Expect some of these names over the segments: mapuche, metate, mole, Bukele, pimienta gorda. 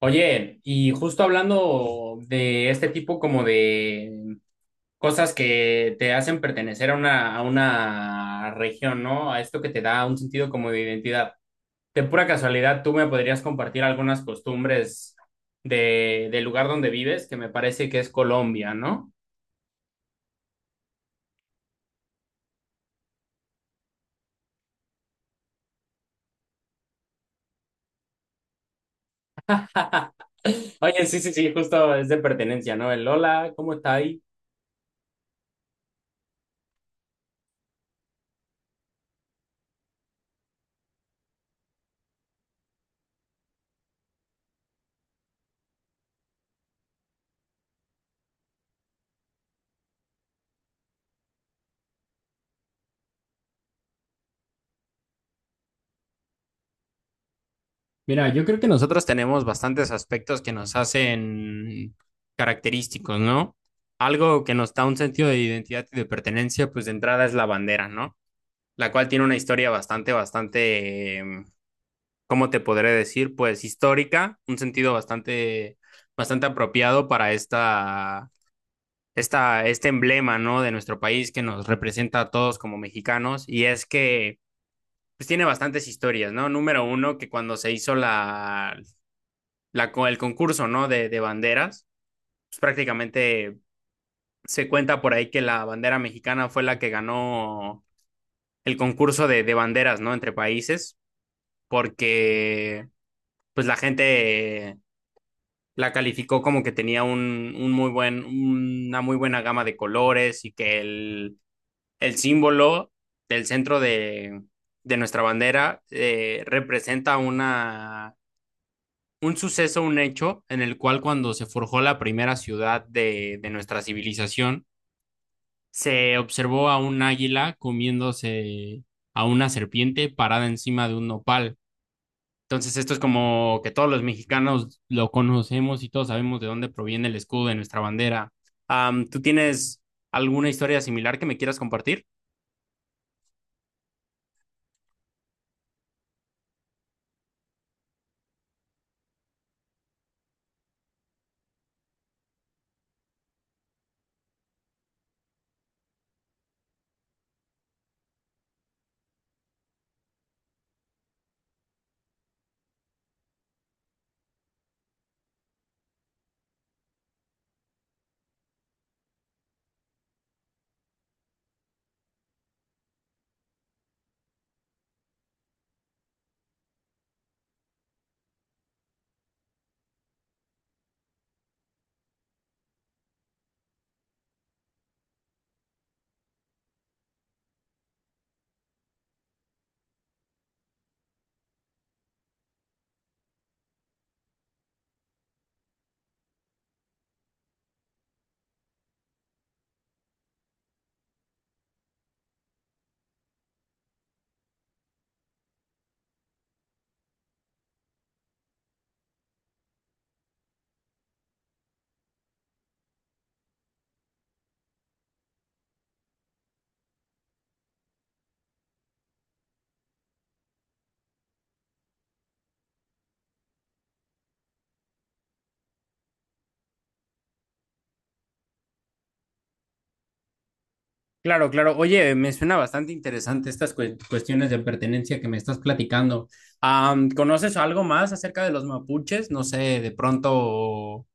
Oye, y justo hablando de este tipo como de cosas que te hacen pertenecer a a una región, ¿no? A esto que te da un sentido como de identidad. De pura casualidad, ¿tú me podrías compartir algunas costumbres del lugar donde vives, que me parece que es Colombia, ¿no? Oye, sí, justo es de pertenencia, ¿no? El hola, ¿cómo estás? Mira, yo creo que nosotros tenemos bastantes aspectos que nos hacen característicos, ¿no? Algo que nos da un sentido de identidad y de pertenencia, pues de entrada es la bandera, ¿no? La cual tiene una historia bastante, ¿cómo te podré decir? Pues histórica, un sentido bastante, bastante apropiado para este emblema, ¿no? De nuestro país que nos representa a todos como mexicanos, y es que pues tiene bastantes historias, ¿no? Número uno, que cuando se hizo el concurso, ¿no? De banderas. Pues prácticamente se cuenta por ahí que la bandera mexicana fue la que ganó el concurso de banderas, ¿no? Entre países, porque pues la gente la calificó como que tenía una muy buena gama de colores, y que el símbolo del centro de nuestra bandera representa una un suceso, un hecho en el cual cuando se forjó la primera ciudad de nuestra civilización, se observó a un águila comiéndose a una serpiente parada encima de un nopal. Entonces esto es como que todos los mexicanos lo conocemos y todos sabemos de dónde proviene el escudo de nuestra bandera. ¿Tú tienes alguna historia similar que me quieras compartir? Claro, claro. Oye, me suena bastante interesante estas cuestiones de pertenencia que me estás platicando. ¿Conoces algo más acerca de los mapuches? No sé, de pronto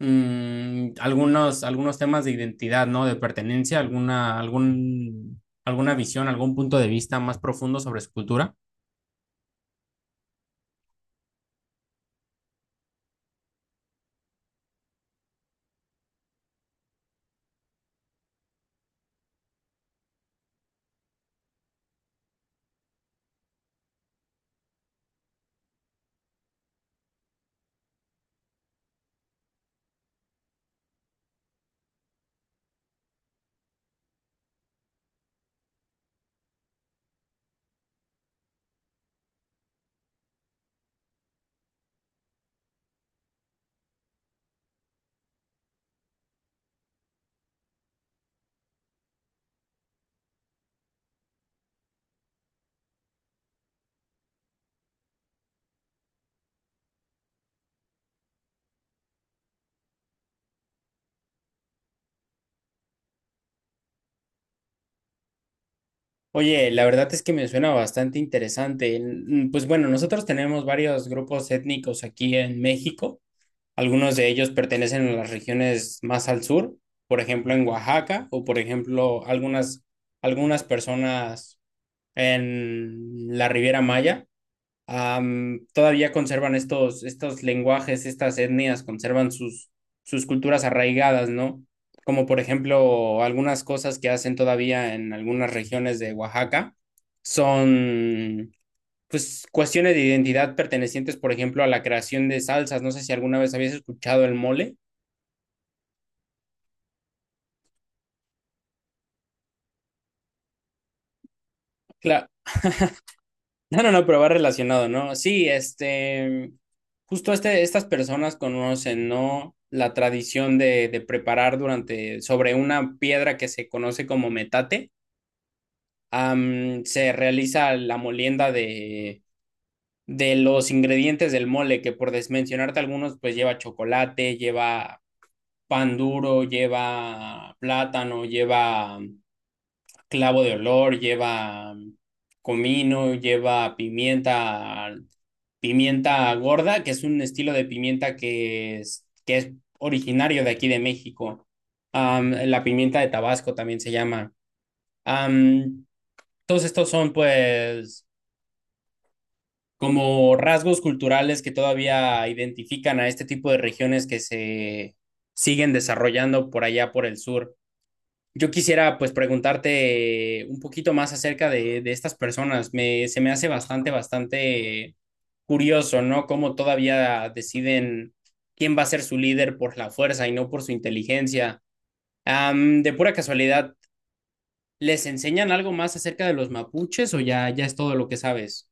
algunos temas de identidad, ¿no? De pertenencia, alguna visión, algún punto de vista más profundo sobre su cultura. Oye, la verdad es que me suena bastante interesante. Mm, pues bueno, nosotros tenemos varios grupos étnicos aquí en México. Algunos de ellos pertenecen a las regiones más al sur, por ejemplo en Oaxaca, o por ejemplo algunas personas en la Riviera Maya. Todavía conservan estos lenguajes, estas etnias, conservan sus culturas arraigadas, ¿no? Como por ejemplo algunas cosas que hacen todavía en algunas regiones de Oaxaca son pues cuestiones de identidad pertenecientes, por ejemplo, a la creación de salsas. No sé si alguna vez habías escuchado el mole. Claro. No, no, no, pero va relacionado, ¿no? Sí, justo este, estas personas conocen, ¿no? La tradición de preparar, durante, sobre una piedra que se conoce como metate, se realiza la molienda de los ingredientes del mole, que por desmencionarte algunos, pues lleva chocolate, lleva pan duro, lleva plátano, lleva clavo de olor, lleva comino, lleva pimienta, pimienta gorda, que es un estilo de pimienta que es originario de aquí de México. Am, la pimienta de Tabasco también se llama. Am, Todos estos son pues como rasgos culturales que todavía identifican a este tipo de regiones que se siguen desarrollando por allá por el sur. Yo quisiera pues preguntarte un poquito más acerca de estas personas. Se me hace bastante, bastante curioso, ¿no? Cómo todavía deciden quién va a ser su líder por la fuerza y no por su inteligencia. De pura casualidad, ¿les enseñan algo más acerca de los mapuches, o ya es todo lo que sabes?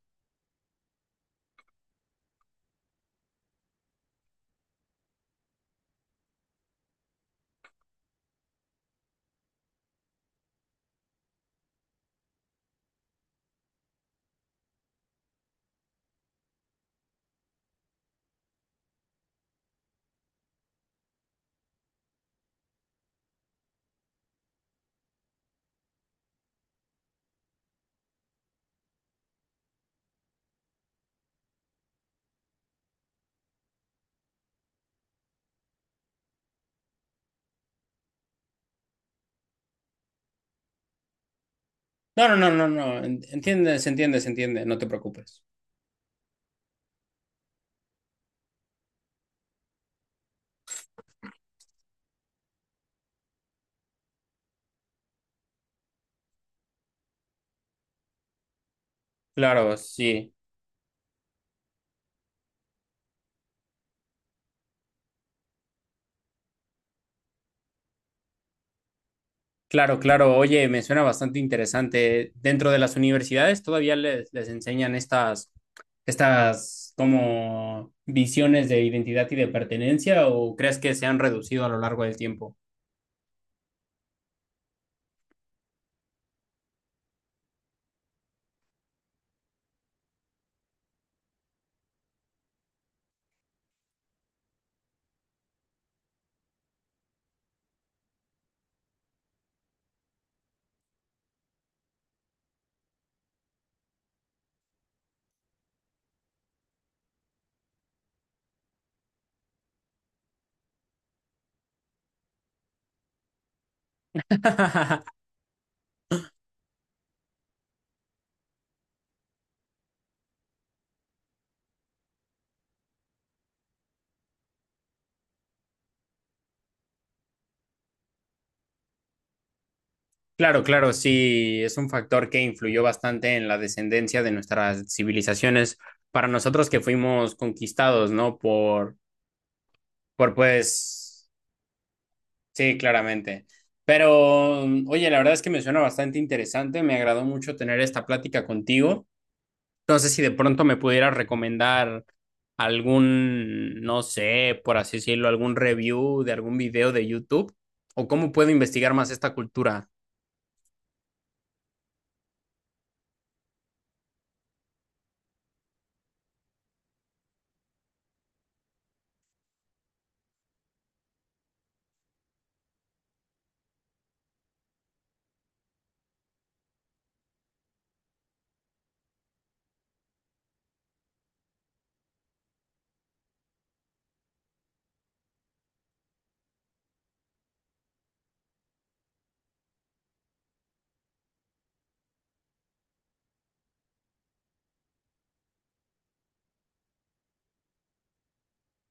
No, no, no, no, no. Entiende, se entiende, se entiende. No te preocupes. Claro, sí. Claro, claro. Oye, me suena bastante interesante. Dentro de las universidades todavía les enseñan estas como visiones de identidad y de pertenencia, ¿o crees que se han reducido a lo largo del tiempo? Claro, claro, sí, es un factor que influyó bastante en la descendencia de nuestras civilizaciones para nosotros que fuimos conquistados, ¿no? Por pues Sí, claramente. Pero, mm, oye, la verdad es que me suena bastante interesante. Me agradó mucho tener esta plática contigo. No sé si de pronto me pudieras recomendar algún, no sé, por así decirlo, algún review de algún video de YouTube, o cómo puedo investigar más esta cultura.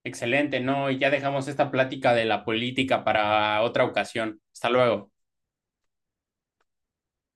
Excelente, ¿no? Y ya dejamos esta plática de la política para otra ocasión. Hasta luego.